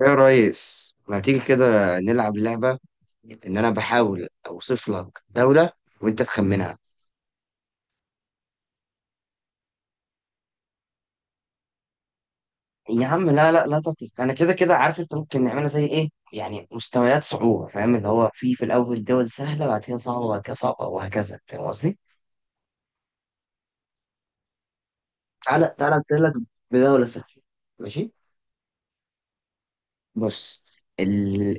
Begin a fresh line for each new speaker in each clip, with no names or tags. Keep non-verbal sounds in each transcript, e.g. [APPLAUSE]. يا ريس ما تيجي كده نلعب لعبة إن أنا بحاول أوصف لك دولة وأنت تخمنها. يا عم لا لا لا تقلق، أنا كده كده عارف. أنت ممكن نعملها زي إيه، يعني مستويات صعوبة، فاهم؟ اللي هو في الأول دول سهلة، بعد كده صعبة، بعد كده صعبة وهكذا، فاهم قصدي؟ تعالى تعالى أبتدي لك بدولة سهلة، ماشي؟ بص. ال...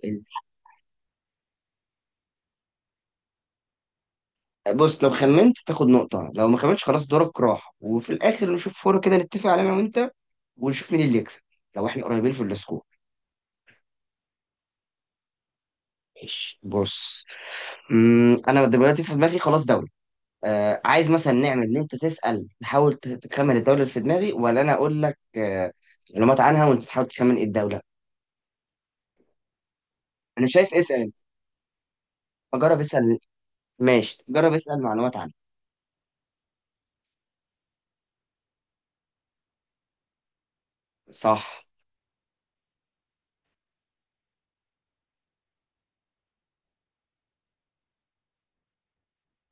ال... بص، لو خمنت تاخد نقطة، لو ما خمنتش خلاص دورك راح، وفي الآخر نشوف فورة كده نتفق عليها أنا وأنت ونشوف مين اللي يكسب لو إحنا قريبين في السكور. ماشي، بص. انا دلوقتي في دماغي خلاص دولة. آه، عايز مثلا نعمل ان انت تسأل تحاول تخمن الدولة اللي في دماغي، ولا انا اقول لك آه معلومات عنها وانت تحاول تخمن ايه الدولة. انا شايف اسأل انت. جرب اسأل، ماشي جرب اسأل معلومات عنها. صح.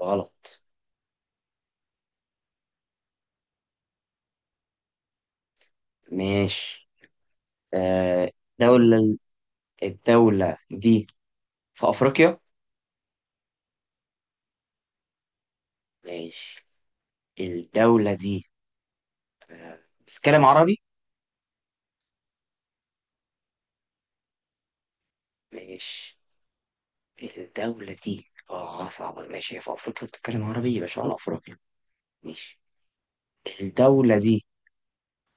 غلط. ماشي. آه، دولة. الدولة دي في افريقيا. ماشي. الدولة دي آه، بتتكلم عربي. ماشي، الدولة دي اه صعبة. ماشي، هي في افريقيا بتتكلم عربي، يبقى شمال افريقيا. ماشي، الدولة دي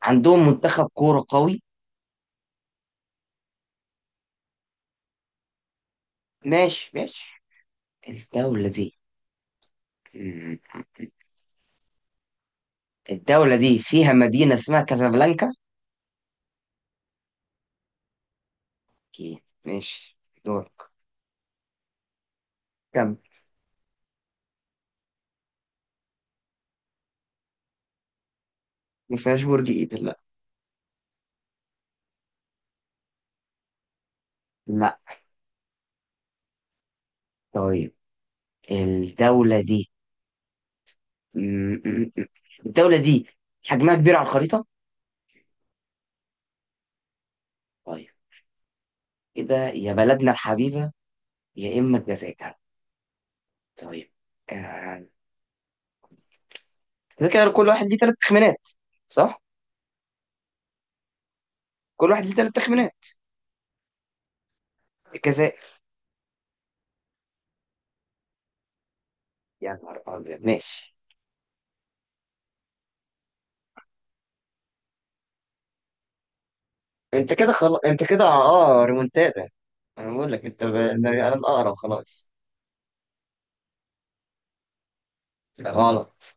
عندهم منتخب كورة قوي. ماشي ماشي، الدولة دي مم. الدولة دي فيها مدينة اسمها كازابلانكا. اوكي ماشي، دورك. كم؟ ما فيهاش برج ايفل، لا. لا. طيب، الدولة دي مم، مم، مم. الدولة دي حجمها كبير على الخريطة. طيب كده، يا بلدنا الحبيبة يا إما الجزائر. طيب، آه، كده كده كل واحد ليه ثلاث تخمينات، صح؟ كل واحد ليه ثلاث تخمينات كذا. يا نهار أبيض، ماشي. أنت كده خلاص، أنت كده أه ريمونتادا. أنا بقول لك أنت أنا الأقرب خلاص. غلط.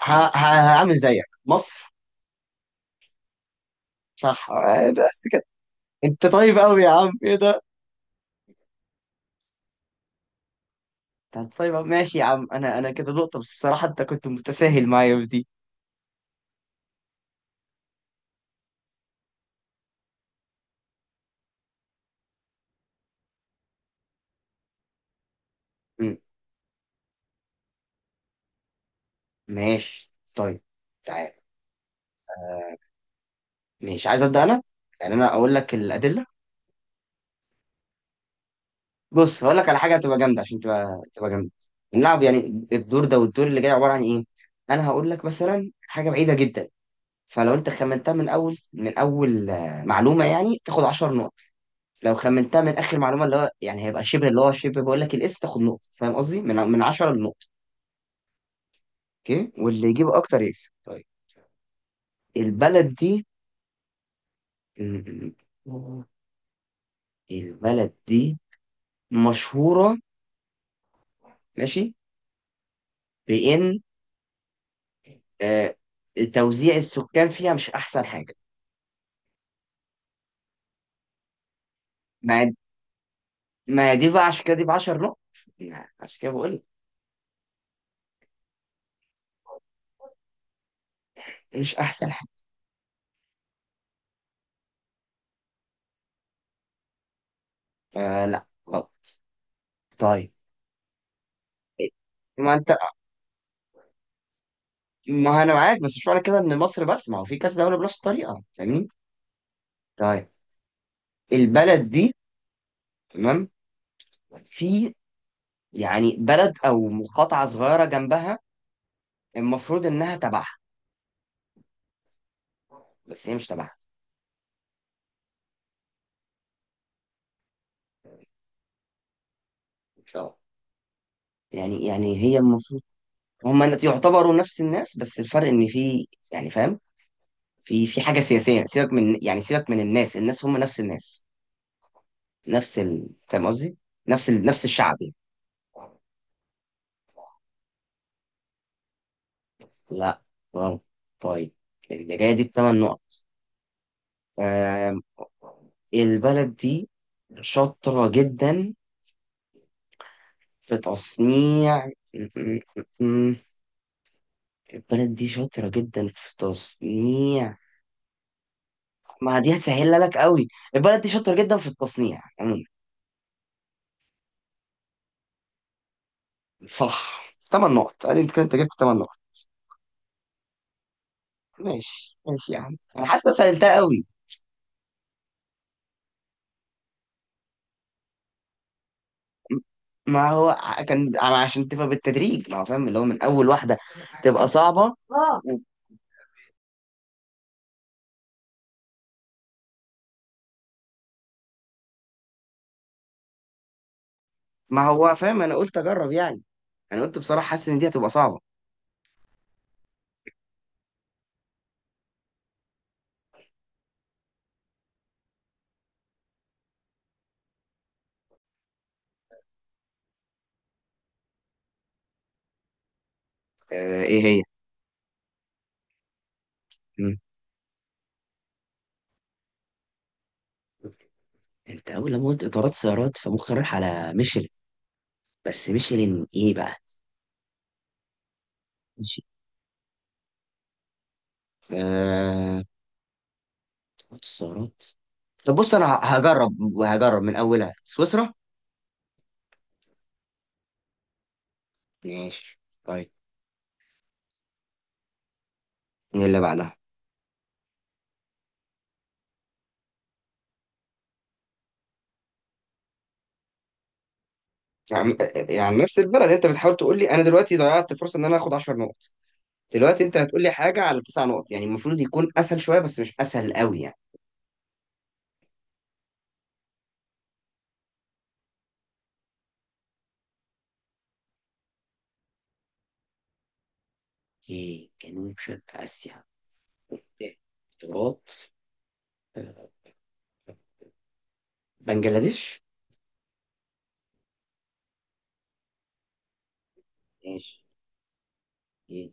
ه... ه... هعمل زيك مصر. صح آه، بس كده. أنت طيب أوي يا عم، إيه ده؟ أنت طيب أوي. ماشي يا عم، أنا كده نقطة، بس بصراحة أنت كنت متساهل معايا في دي. مم. ماشي طيب، تعال. آه، ماشي، عايز أبدأ أنا؟ يعني أنا أقول لك الأدلة. بص، هقول لك على حاجه هتبقى جامده، عشان تبقى جامده اللعب يعني. الدور ده والدور اللي جاي عباره عن ايه، انا هقول لك مثلا حاجه بعيده جدا. فلو انت خمنتها من اول معلومه، يعني تاخد 10 نقط. لو خمنتها من اخر معلومه اللي هو يعني هيبقى شبه، اللي هو شبه بقول لك الاسم، تاخد نقطه. فاهم قصدي؟ من 10 لنقطه. اوكي، واللي يجيب اكتر يكسب. طيب، البلد دي م- م- البلد دي مشهوره. ماشي. بان آه، توزيع السكان فيها مش احسن حاجه. مع. ما هي دي بقى عشان كده دي ب 10 نقط، يعني عشان كده بقول لك مش احسن حاجه. آه لا، غلط. طيب، ما انت ما انا معاك، بس مش معنى كده ان مصر بس، ما هو في كذا دوله بنفس الطريقه، فاهمين. طيب، البلد دي تمام، في يعني بلد او مقاطعه صغيره جنبها، المفروض انها تبعها بس هي مش تبعها. ان شاء الله يعني يعني هي المفروض هم يعتبروا نفس الناس، بس الفرق ان في يعني فاهم، في حاجه سياسيه. سيبك من يعني سيبك من الناس، الناس هم نفس الناس، نفس فاهم قصدي؟ نفس نفس الشعب يعني. لا غلط. طيب، الجاية دي بثمان نقط. آم، البلد دي شاطرة جدا في تصنيع م- م- م- البلد دي شاطرة جدا في تصنيع. ما دي هتسهلها لك قوي. البلد دي شاطرة جدا في التصنيع عموما. صح. ثمان نقط، ادي انت كنت جبت ثمان نقط. ماشي ماشي يا عم، انا حاسس إن أنا سهلتها قوي. ما هو عشان تبقى بالتدريج، ما هو فاهم اللي هو من اول واحده تبقى صعبه، اه. ما هو فاهم، انا قلت اجرب يعني، انا قلت بصراحه حاسس ان دي هتبقى صعبه. آه، ايه هي؟ مم. انت اول لما قلت اطارات سيارات فمخي رايح على ميشلين، بس ميشلين ايه بقى. ماشي، آه اطارات سيارات، طب بص، انا هجرب، هجرب من اولها سويسرا. ماشي طيب، ايه اللي بعدها؟ يعني، يعني نفس البلد؟ انت بتحاول تقول لي انا دلوقتي ضيعت فرصه ان انا اخد 10 نقط، دلوقتي انت هتقول لي حاجه على تسع نقط، يعني المفروض يكون اسهل شويه بس مش اسهل قوي يعني. ايه جنوب شرق اسيا؟ إيه؟ اطارات، آه، بنجلاديش. ماشي، ايه؟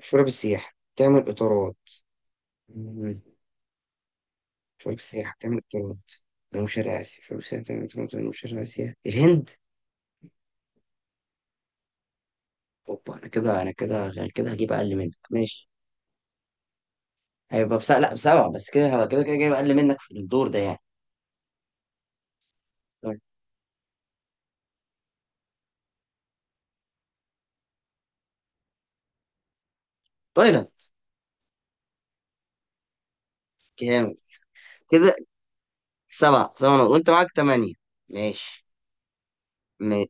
شرب السياحه تعمل اطارات؟ مم. شرب السياحه تعمل اطارات؟ جنوب شرق اسيا، شرب السياحه تعمل اطارات، جنوب شرق اسيا، الهند. اوبا، انا كده هجيب اقل منك، ماشي. هيبقى بس لا بسبعه، بس كده كده كده جايب اقل منك في الدور ده يعني. طيب. تايلاند. جامد. كده سبعة نقط. وانت معاك تمانية، ماشي. ما-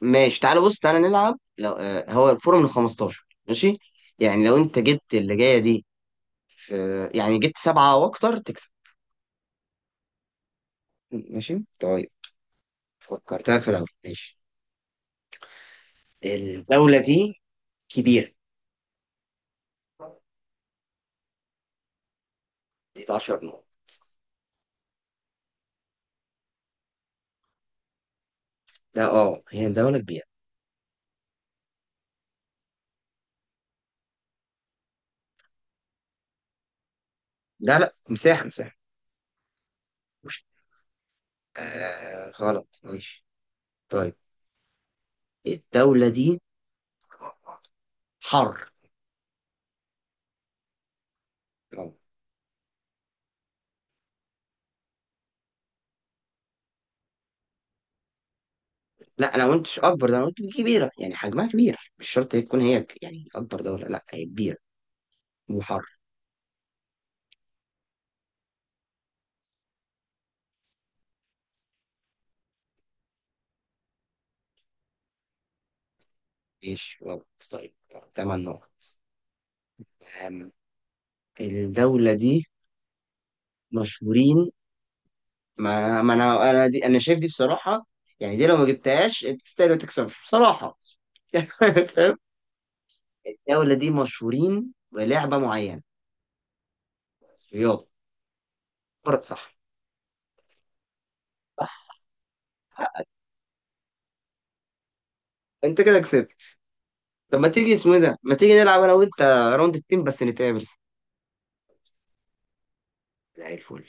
ماشي تعالى بص، تعالى نلعب، لو هو الفورة من 15، ماشي؟ يعني لو انت جبت اللي جاية دي في، يعني جبت سبعة واكتر تكسب. ماشي طيب، فكرت لك في دولة، ماشي. الدولة دي كبيرة، دي ب 10 نقط. ده اه هي دولة كبيرة. لا لا، مساحة مساحة. مش آه غلط، ماشي طيب. الدولة دي حر. لا انا ما قلتش اكبر، ده انا قلت كبيره، يعني حجمها كبير، مش شرط تكون هي يعني اكبر دوله، لا هي كبيره. وحر. ماشي غلط، طيب، ثمان نقط. أم، الدوله دي مشهورين. ما انا دي انا شايف دي بصراحه، يعني دي لو ما جبتهاش انت تستاهل ما تكسبش بصراحه [LAUGHS] يعني، فاهم. الدوله دي مشهورين بلعبه معينه، رياضه. برضه صح. صح، انت كده كسبت. طب ما تيجي اسمه إيه ده، ما تيجي نلعب انا وانت راوند التيم بس نتقابل. زي الفل.